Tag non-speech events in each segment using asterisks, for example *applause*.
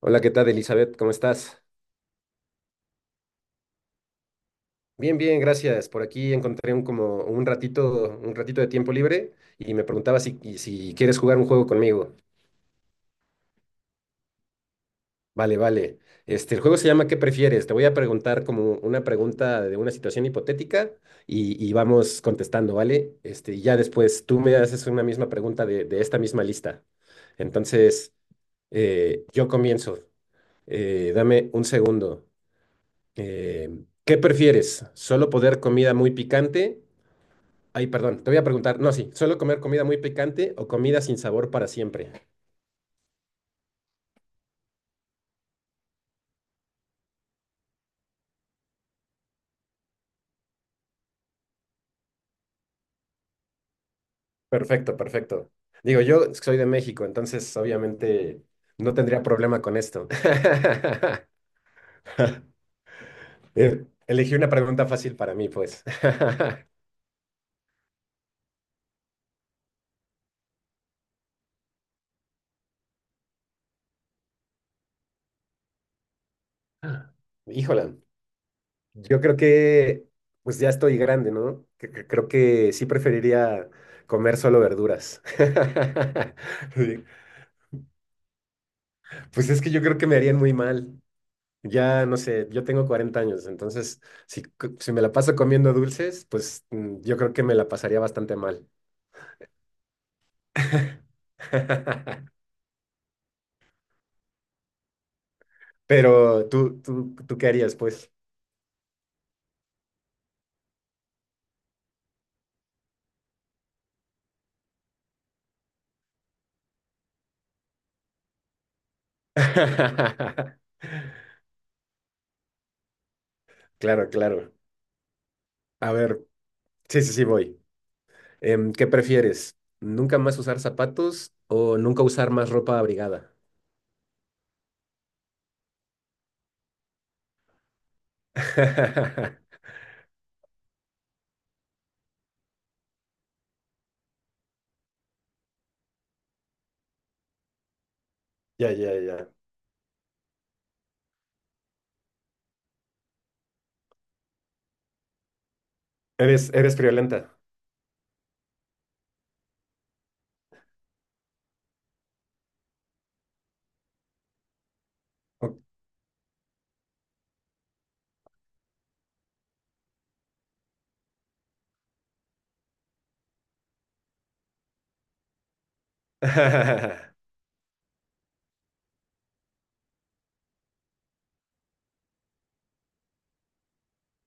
Hola, ¿qué tal, Elizabeth? ¿Cómo estás? Bien, bien, gracias. Por aquí encontré un como un ratito de tiempo libre y me preguntaba y si quieres jugar un juego conmigo. Vale, vale. El juego se llama ¿Qué prefieres? Te voy a preguntar como una pregunta de una situación hipotética y vamos contestando, ¿vale? Y ya después tú me haces una misma pregunta de esta misma lista. Entonces, yo comienzo. Dame un segundo. Eh, ¿Qué prefieres? ¿Solo poder comida muy picante? Ay, perdón, te voy a preguntar. No, sí, ¿suelo comer comida muy picante o comida sin sabor para siempre? Perfecto, perfecto. Digo, yo soy de México, entonces obviamente no tendría problema con esto. *laughs* Elegí una pregunta fácil para mí, pues. *laughs* Híjola, yo creo que pues ya estoy grande, ¿no? Creo que sí preferiría comer solo verduras. *laughs* Sí, pues es que yo creo que me harían muy mal. Ya, no sé, yo tengo 40 años, entonces si, c- si me la paso comiendo dulces, pues yo creo que me la pasaría bastante mal. *laughs* Pero ¿tú qué harías, pues? *laughs* Claro, claro. A ver, sí, sí, sí, voy. ¿Qué prefieres? ¿Nunca más usar zapatos o nunca usar más ropa abrigada? *laughs* Ya, ya, ya. Eres, eres friolenta. Ok. *laughs*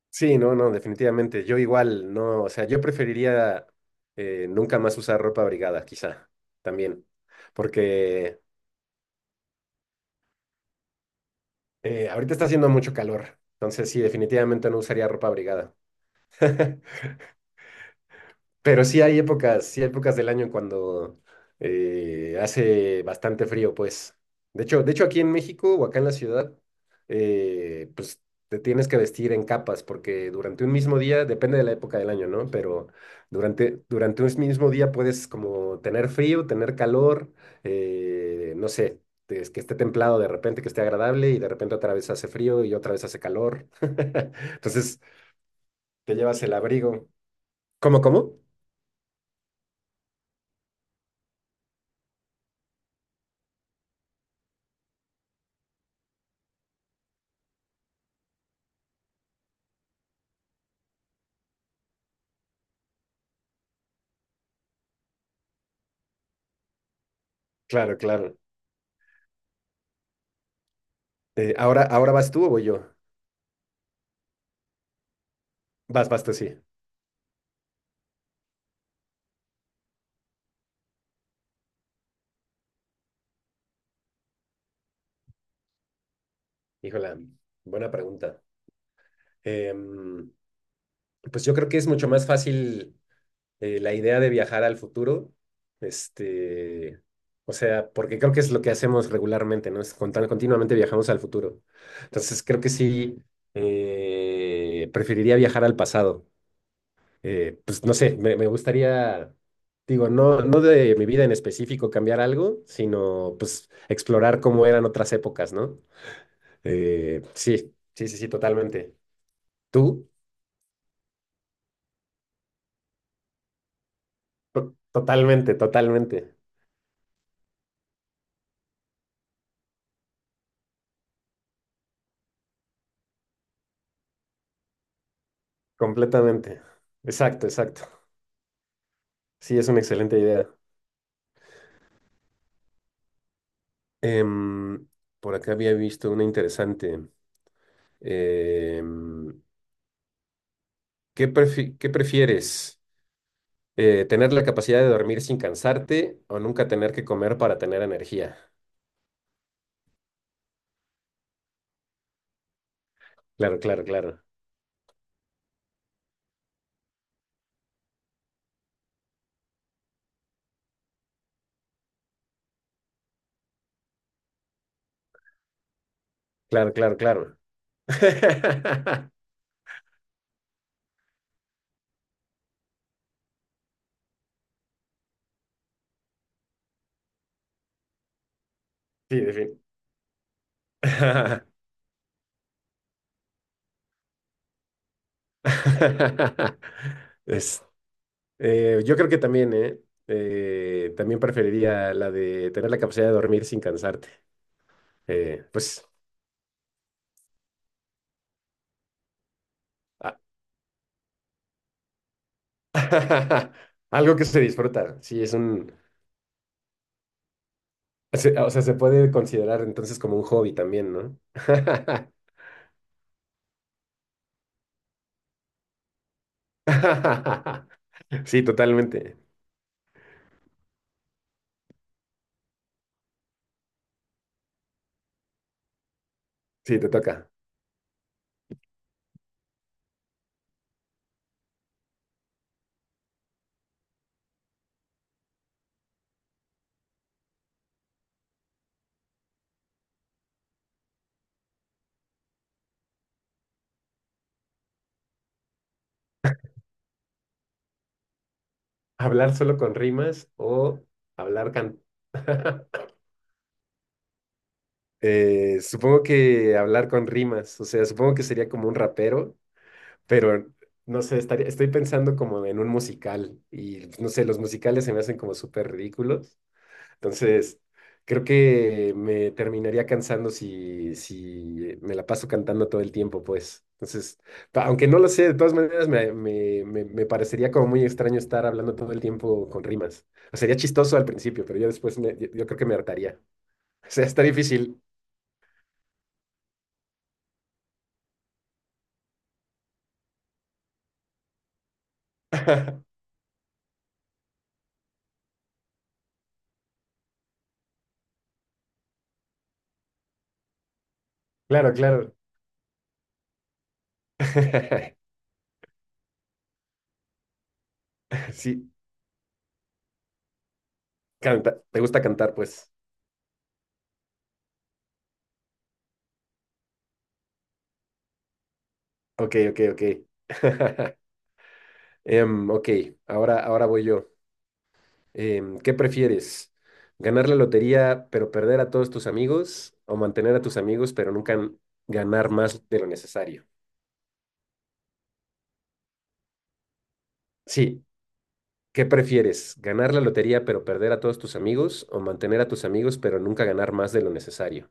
Sí, no, no, definitivamente. Yo igual, no, o sea, yo preferiría nunca más usar ropa abrigada, quizá, también, porque ahorita está haciendo mucho calor, entonces sí, definitivamente no usaría ropa abrigada. *laughs* Pero sí hay épocas del año cuando hace bastante frío, pues. De hecho, aquí en México o acá en la ciudad, pues te tienes que vestir en capas, porque durante un mismo día, depende de la época del año, ¿no? Pero durante un mismo día puedes como tener frío, tener calor, no sé, es que esté templado de repente, que esté agradable, y de repente otra vez hace frío y otra vez hace calor. *laughs* Entonces, te llevas el abrigo. ¿Cómo, cómo? Claro, claro. Ahora, ahora vas tú o voy yo. Vas, vas tú, sí. Híjola, buena pregunta. Em, pues yo creo que es mucho más fácil la idea de viajar al futuro. Este, o sea, porque creo que es lo que hacemos regularmente, ¿no? Es continuamente viajamos al futuro. Entonces creo que sí, preferiría viajar al pasado. Pues no sé, me gustaría, digo, no de mi vida en específico cambiar algo, sino pues explorar cómo eran otras épocas, ¿no? Sí, sí, sí, sí, totalmente. ¿Tú? Totalmente, totalmente, completamente. Exacto, exacto. Sí, es una excelente idea. Em, por acá había visto una interesante. Em, ¿ qué prefieres? ¿Tener la capacidad de dormir sin cansarte o nunca tener que comer para tener energía? Claro, claro, claro. Claro, claro, claro. *laughs* Sí, de fin. *laughs* *laughs* Es- Yo creo que también, ¿eh? También preferiría la de tener la capacidad de dormir sin cansarte. Pues, a- *laughs* algo que se disfruta. Sí, es un... se- O sea, se puede considerar entonces como un hobby también, ¿no? *laughs* *laughs* Sí, totalmente. Sí, te toca. ¿Hablar solo con rimas o hablar can... *laughs* Supongo que hablar con rimas, o sea, supongo que sería como un rapero pero no sé, estaría, estoy pensando como en un musical y pues, no sé, los musicales se me hacen como súper ridículos. Entonces, creo que me terminaría cansando si, si me la paso cantando todo el tiempo, pues. Entonces, pa- aunque no lo sé, de todas maneras me parecería como muy extraño estar hablando todo el tiempo con rimas. O sería chistoso al principio, pero yo después yo creo que me hartaría. O sea, está difícil. *laughs* Claro, claro. *laughs* Sí, canta. ¿Te gusta cantar, pues? Ok, ok, ok. *laughs* Ok, ahora, ahora voy yo. ¿Qué prefieres? ¿Ganar la lotería pero perder a todos tus amigos? ¿O mantener a tus amigos pero nunca ganar más de lo necesario? Sí, ¿qué prefieres? ¿Ganar la lotería pero perder a todos tus amigos? ¿O mantener a tus amigos pero nunca ganar más de lo necesario?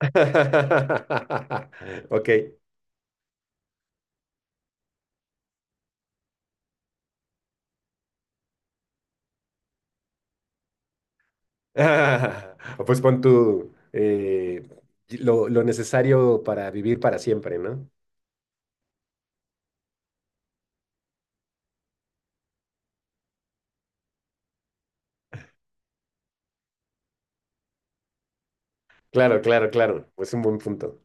*laughs* Ok. Ah, pues pon tú lo necesario para vivir para siempre, ¿no? Claro, claro, claro. Es un buen punto.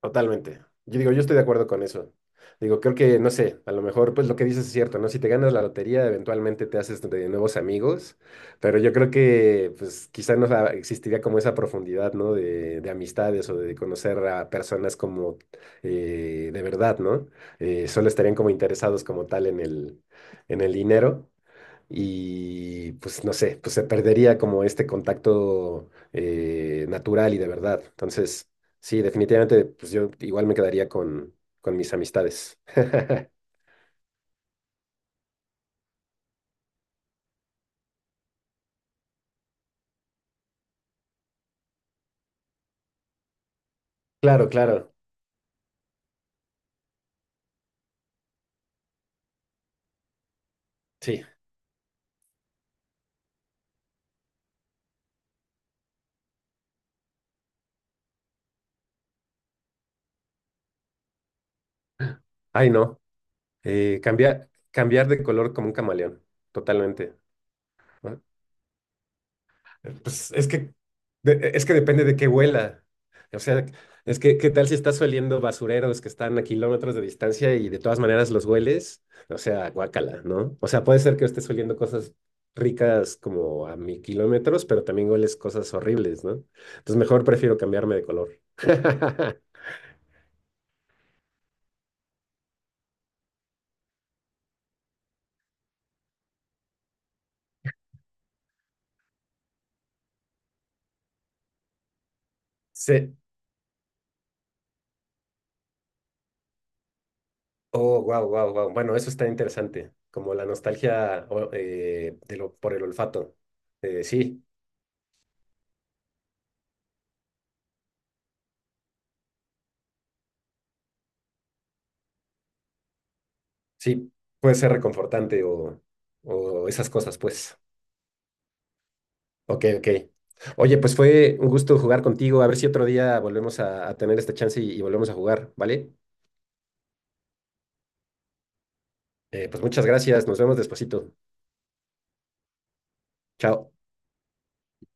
Totalmente. Yo digo, yo estoy de acuerdo con eso. Digo, creo que, no sé, a lo mejor pues lo que dices es cierto, ¿no? Si te ganas la lotería, eventualmente te haces de nuevos amigos, pero yo creo que pues quizá no existiría como esa profundidad, ¿no? De amistades o de conocer a personas como de verdad, ¿no? Solo estarían como interesados como tal en en el dinero. Y pues no sé, pues se perdería como este contacto natural y de verdad. Entonces, sí, definitivamente, pues yo igual me quedaría con mis amistades. *laughs* Claro, claro, sí. Ay, no. Cambiar, cambiar de color como un camaleón, totalmente. Pues es que, es que depende de qué huela. O sea, es que, ¿qué tal si estás oliendo basureros que están a kilómetros de distancia y de todas maneras los hueles? O sea, guácala, ¿no? O sea, puede ser que estés oliendo cosas ricas como a 1000 kilómetros, pero también hueles cosas horribles, ¿no? Entonces, mejor prefiero cambiarme de color. *laughs* Sí. Oh, wow, wow, wow. Bueno, eso está interesante. Como la nostalgia o, de lo, por el olfato. Sí. Sí, puede ser reconfortante o esas cosas, pues. Ok, ok. Oye, pues fue un gusto jugar contigo. A ver si otro día volvemos a tener esta chance y volvemos a jugar, ¿vale? Pues muchas gracias. Nos vemos despuesito. Chao.